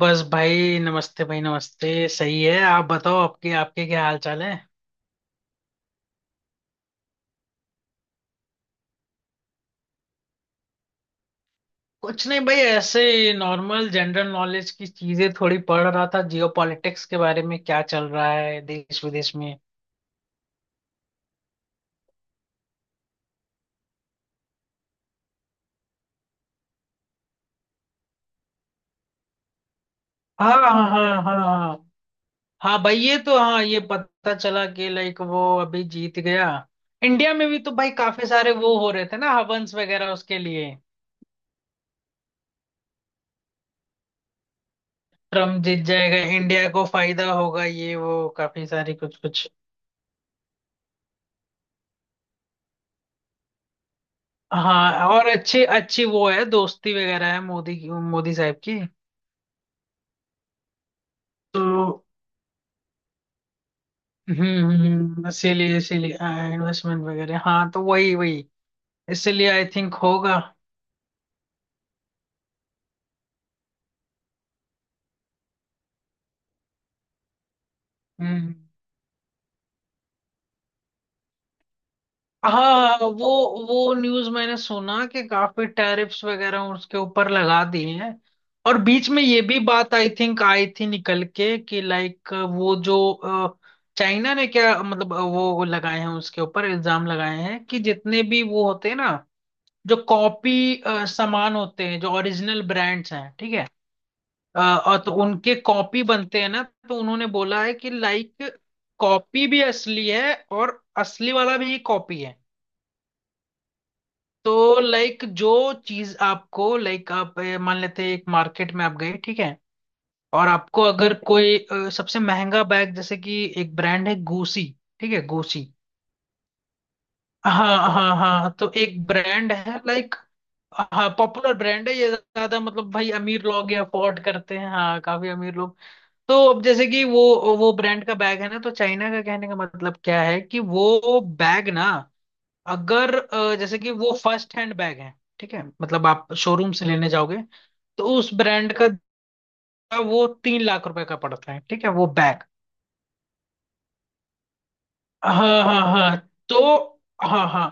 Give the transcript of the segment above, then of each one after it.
बस भाई, नमस्ते भाई, नमस्ते। सही है। आप बताओ, आपके आपके क्या हाल चाल है। कुछ नहीं भाई, ऐसे नॉर्मल जनरल नॉलेज की चीजें थोड़ी पढ़ रहा था, जियोपॉलिटिक्स के बारे में क्या चल रहा है देश विदेश में। हाँ हाँ हाँ हाँ हाँ। हाँ भाई, ये तो हाँ, ये पता चला कि लाइक वो अभी जीत गया। इंडिया में भी तो भाई काफी सारे वो हो रहे थे ना, हवंस वगैरह उसके लिए। ट्रम्प जीत जाएगा, इंडिया को फायदा होगा, ये वो काफी सारी कुछ कुछ। हाँ, और अच्छी अच्छी वो है, दोस्ती वगैरह है, मोदी की, मोदी साहब की। तो इसीलिए इसीलिए इन्वेस्टमेंट वगैरह। हाँ, तो वही वही इसीलिए आई थिंक होगा। हम्म। हाँ वो न्यूज़ मैंने सुना कि काफी टैरिफ्स वगैरह उसके ऊपर लगा दिए हैं। और बीच में ये भी बात आई थिंक आई थी निकल के कि लाइक वो जो चाइना ने क्या मतलब वो लगाए हैं उसके ऊपर, इल्जाम लगाए हैं कि जितने भी वो होते हैं ना, जो कॉपी सामान होते हैं, जो ओरिजिनल ब्रांड्स हैं, ठीक है। अ, और तो उनके कॉपी बनते हैं ना, तो उन्होंने बोला है कि लाइक कॉपी भी असली है और असली वाला भी कॉपी है। तो लाइक जो चीज आपको, लाइक आप मान लेते हैं, एक मार्केट में आप गए, ठीक है। और आपको अगर कोई सबसे महंगा बैग, जैसे कि एक ब्रांड है गुसी, ठीक है, गुसी। हाँ हाँ हाँ हाँ, तो एक ब्रांड है लाइक। हाँ, पॉपुलर ब्रांड है ये, ज्यादा मतलब भाई अमीर लोग ये अफोर्ड करते हैं, हाँ काफी अमीर लोग। तो अब जैसे कि वो ब्रांड का बैग है ना, तो चाइना का कहने का मतलब क्या है कि वो बैग ना, अगर जैसे कि वो फर्स्ट हैंड बैग है, ठीक है, मतलब आप शोरूम से लेने जाओगे, तो उस ब्रांड का वो तीन लाख रुपए का पड़ता है, ठीक है वो बैग। हाँ हाँ हाँ। तो हाँ हाँ,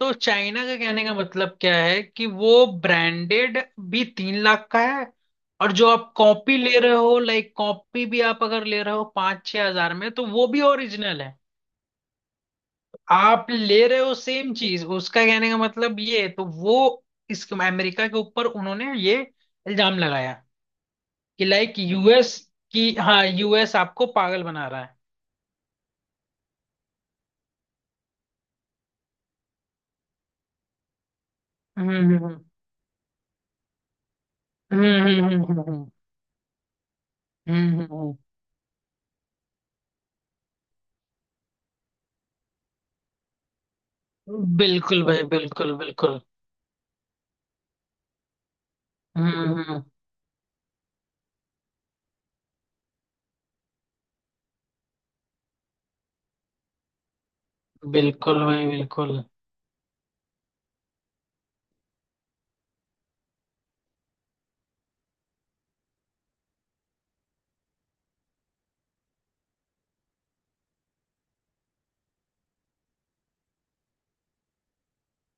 तो चाइना का कहने का मतलब क्या है कि वो ब्रांडेड भी तीन लाख का है, और जो आप कॉपी ले रहे हो, लाइक कॉपी भी आप अगर ले रहे हो पाँच छह हजार में, तो वो भी ओरिजिनल है। आप ले रहे हो सेम चीज, उसका कहने का मतलब ये है। तो वो इस अमेरिका के ऊपर उन्होंने ये इल्जाम लगाया कि लाइक यूएस की, हाँ यूएस आपको पागल बना रहा है। हम्म हम्म हम्म। हम्म। हम्म। बिल्कुल भाई, बिल्कुल बिल्कुल। हम्म। बिल्कुल भाई बिल्कुल।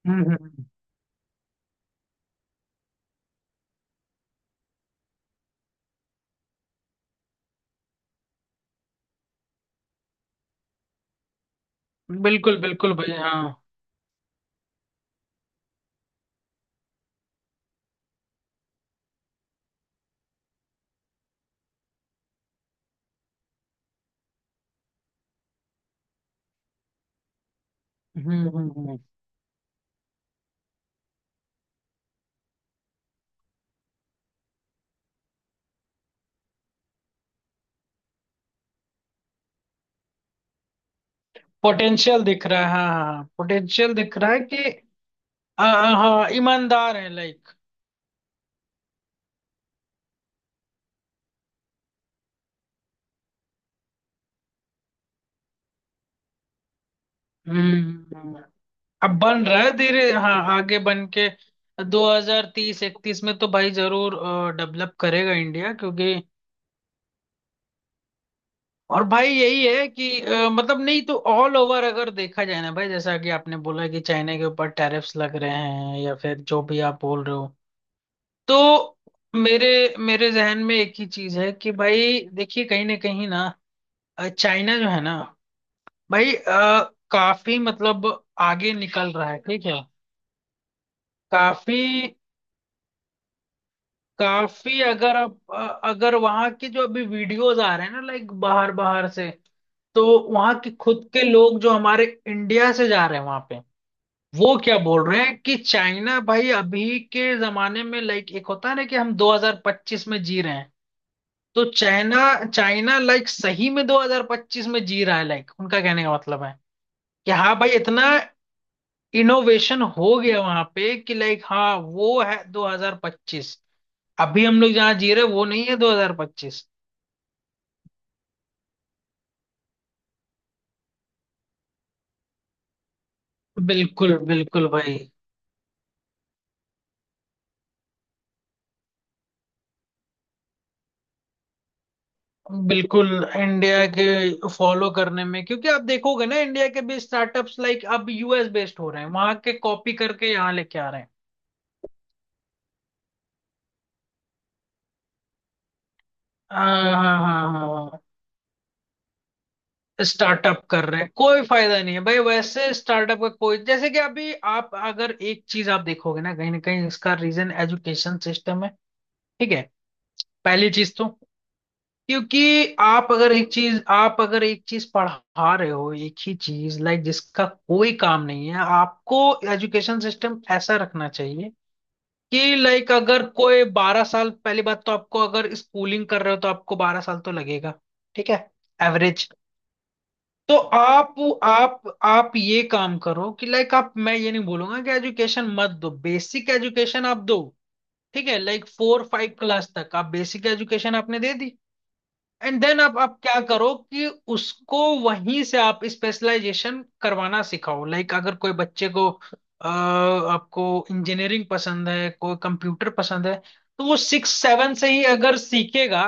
हम्म। बिल्कुल बिल्कुल भाई, हाँ। हम्म। पोटेंशियल दिख रहा है, हाँ हाँ, पोटेंशियल दिख रहा है कि आ, हाँ ईमानदार है लाइक। हम्म हम्म, हम्म। अब बन रहा है धीरे, हाँ आगे बन के 2030-31 में तो भाई जरूर डेवलप करेगा इंडिया, क्योंकि और भाई यही है कि मतलब नहीं तो ऑल ओवर अगर देखा जाए ना भाई, जैसा कि आपने बोला कि चाइना के ऊपर टैरिफ्स लग रहे हैं या फिर जो भी आप बोल रहे हो, तो मेरे मेरे जहन में एक ही चीज है कि भाई देखिए कहीं ना कहीं ना, चाइना जो है ना भाई, काफी मतलब आगे निकल रहा है, ठीक है। काफी काफी अगर आप अगर वहां के जो अभी वीडियोस आ रहे हैं ना, लाइक बाहर बाहर से, तो वहां के खुद के लोग जो हमारे इंडिया से जा रहे हैं वहां पे, वो क्या बोल रहे हैं कि चाइना भाई, अभी के जमाने में लाइक एक होता है ना कि हम 2025 में जी रहे हैं, तो चाइना चाइना लाइक सही में 2025 में जी रहा है, लाइक उनका कहने का मतलब है कि हाँ भाई इतना इनोवेशन हो गया वहां पे कि लाइक हाँ वो है 2025, अभी हम लोग जहाँ जी रहे हैं, वो नहीं है 2025। बिल्कुल बिल्कुल भाई, बिल्कुल। इंडिया के फॉलो करने में, क्योंकि आप देखोगे ना, इंडिया के भी स्टार्टअप्स लाइक अब यूएस बेस्ड हो रहे हैं, वहां के कॉपी करके यहाँ लेके आ रहे हैं। हाँ हाँ हाँ हाँ। स्टार्टअप कर रहे हैं, कोई फायदा नहीं है भाई वैसे स्टार्टअप का कोई, जैसे कि अभी आप अगर एक चीज आप देखोगे ना, कहीं ना कहीं इसका रीजन एजुकेशन सिस्टम है, ठीक है। पहली चीज तो, क्योंकि आप अगर एक चीज पढ़ा रहे हो एक ही चीज लाइक, जिसका कोई काम नहीं है आपको। एजुकेशन सिस्टम ऐसा रखना चाहिए कि लाइक अगर कोई बारह साल, पहली बात तो आपको अगर स्कूलिंग कर रहे हो तो आपको बारह साल तो लगेगा, ठीक है, एवरेज। तो आप ये काम करो कि लाइक, आप, मैं ये नहीं बोलूंगा कि एजुकेशन मत दो, बेसिक एजुकेशन आप दो, ठीक है। लाइक फोर फाइव क्लास तक आप बेसिक एजुकेशन आपने दे दी, एंड देन आप क्या करो कि उसको वहीं से आप स्पेशलाइजेशन करवाना सिखाओ, लाइक अगर कोई बच्चे को आपको इंजीनियरिंग पसंद है कोई कंप्यूटर पसंद है, तो वो सिक्स सेवन से ही अगर सीखेगा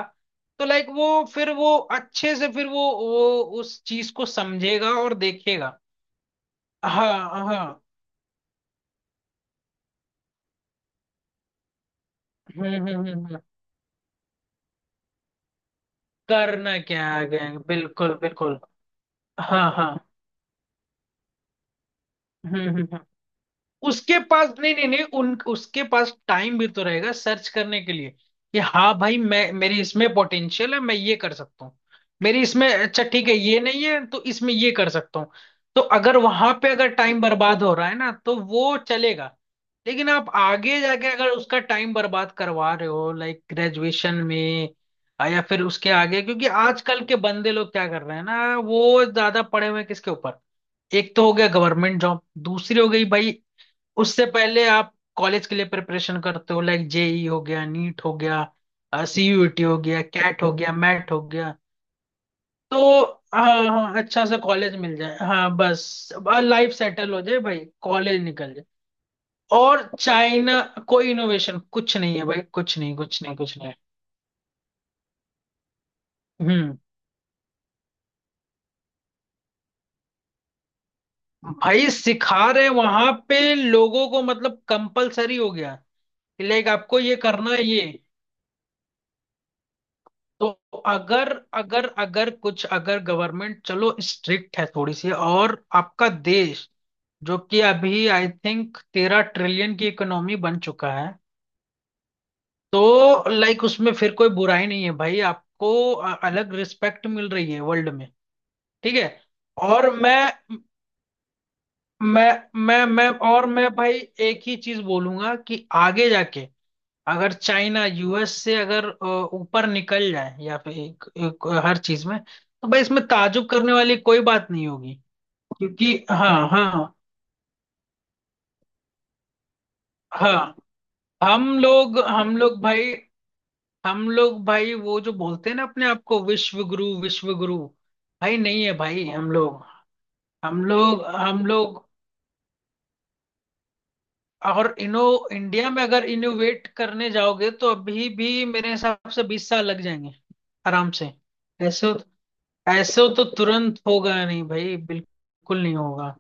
तो लाइक वो फिर वो अच्छे से, फिर वो उस चीज को समझेगा और देखेगा। हाँ हाँ। हम्म हम्म हम्म हम्म। करना क्या है आगे, बिल्कुल बिल्कुल। हाँ हाँ। हम्म हम्म हम्म। उसके पास, नहीं नहीं नहीं, उन उसके पास टाइम भी तो रहेगा सर्च करने के लिए, कि हाँ भाई मैं, मेरी इसमें पोटेंशियल है, मैं ये कर सकता हूँ, मेरी इसमें अच्छा, ठीक है ये नहीं है तो इसमें ये कर सकता हूँ। तो अगर वहां पे अगर टाइम बर्बाद हो रहा है ना तो वो चलेगा, लेकिन आप आगे जाके अगर उसका टाइम बर्बाद करवा रहे हो लाइक ग्रेजुएशन में, या फिर उसके आगे, क्योंकि आजकल के बंदे लोग क्या कर रहे हैं ना, वो ज्यादा पढ़े हुए हैं, किसके ऊपर? एक तो हो गया गवर्नमेंट जॉब, दूसरी हो गई भाई, उससे पहले आप कॉलेज के लिए प्रिपरेशन करते हो, लाइक जेई हो गया, नीट हो गया, सीयूईटी हो गया, कैट हो गया, मैट हो गया। तो हाँ हाँ, अच्छा सा कॉलेज मिल जाए, हाँ बस लाइफ सेटल हो जाए भाई, कॉलेज निकल जाए। और चाइना, कोई इनोवेशन कुछ नहीं है भाई, कुछ नहीं कुछ नहीं कुछ नहीं। हम्म। भाई सिखा रहे वहां पे लोगों को, मतलब कंपलसरी हो गया, लाइक आपको ये करना है, ये। तो अगर, अगर कुछ अगर गवर्नमेंट चलो स्ट्रिक्ट है थोड़ी सी, और आपका देश जो कि अभी आई थिंक तेरह ट्रिलियन की इकोनॉमी बन चुका है, तो लाइक उसमें फिर कोई बुराई नहीं है भाई, आपको अ- अलग रिस्पेक्ट मिल रही है वर्ल्ड में, ठीक है। और मैं, मैं मैं और मैं भाई एक ही चीज बोलूंगा कि आगे जाके अगर चाइना यूएस से अगर ऊपर निकल जाए या फिर एक, एक हर चीज में, तो भाई इसमें ताजुब करने वाली कोई बात नहीं होगी, क्योंकि हाँ हाँ हाँ, हम लोग भाई, हम लोग भाई वो जो बोलते हैं ना अपने आप को विश्व गुरु विश्व गुरु, भाई नहीं है भाई। हम लोग हम लोग और इनो, इंडिया में अगर इनोवेट करने जाओगे तो अभी भी मेरे हिसाब से बीस साल लग जाएंगे आराम से। ऐसे ऐसे हो तो तुरंत होगा नहीं भाई, बिल्कुल नहीं होगा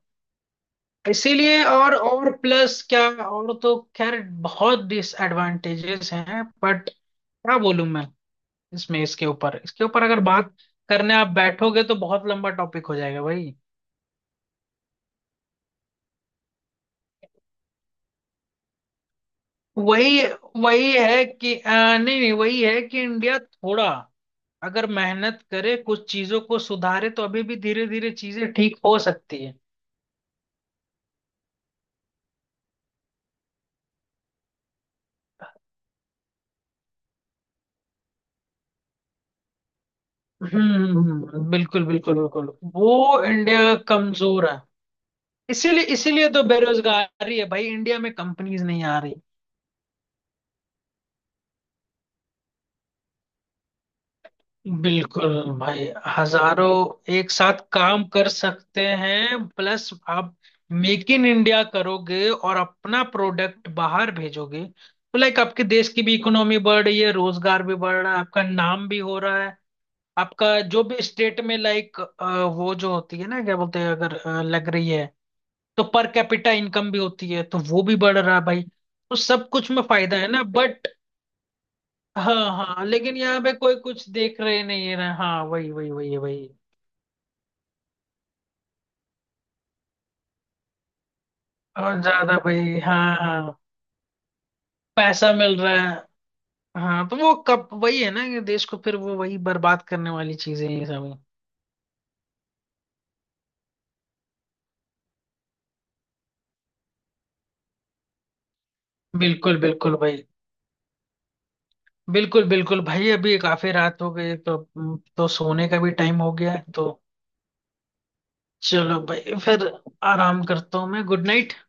इसीलिए। और प्लस क्या, और तो खैर बहुत डिसएडवांटेजेस हैं बट क्या बोलूं मैं, इसमें इसके ऊपर अगर बात करने आप बैठोगे तो बहुत लंबा टॉपिक हो जाएगा भाई। वही वही है कि नहीं नहीं, वही है कि इंडिया थोड़ा अगर मेहनत करे, कुछ चीजों को सुधारे, तो अभी भी धीरे धीरे चीजें ठीक हो सकती है। हम्म। बिल्कुल बिल्कुल बिल्कुल। वो इंडिया कमजोर है इसीलिए, इसीलिए तो बेरोजगारी है भाई, इंडिया में कंपनीज नहीं आ रही। बिल्कुल भाई, हजारों एक साथ काम कर सकते हैं, प्लस आप मेक इन इंडिया करोगे और अपना प्रोडक्ट बाहर भेजोगे तो लाइक आपके देश की भी इकोनॉमी बढ़ रही है, रोजगार भी बढ़ रहा है, आपका नाम भी हो रहा है। आपका जो भी स्टेट में लाइक, वो जो होती है ना, क्या बोलते हैं अगर लग रही है, तो पर कैपिटा इनकम भी होती है, तो वो भी बढ़ रहा है भाई, तो सब कुछ में फायदा है ना, बट हाँ हाँ, लेकिन यहाँ पे कोई कुछ देख रहे नहीं है ना, हाँ वही वही वही वही और ज्यादा भाई, हाँ हाँ पैसा मिल रहा है। हाँ तो वो कब, वही है ना कि देश को फिर वो वही बर्बाद करने वाली चीजें हैं ये सब। बिल्कुल बिल्कुल भाई। बिल्कुल बिल्कुल भाई, अभी काफी रात हो गई, तो सोने का भी टाइम हो गया है, तो चलो भाई फिर, आराम करता हूँ मैं, गुड नाइट।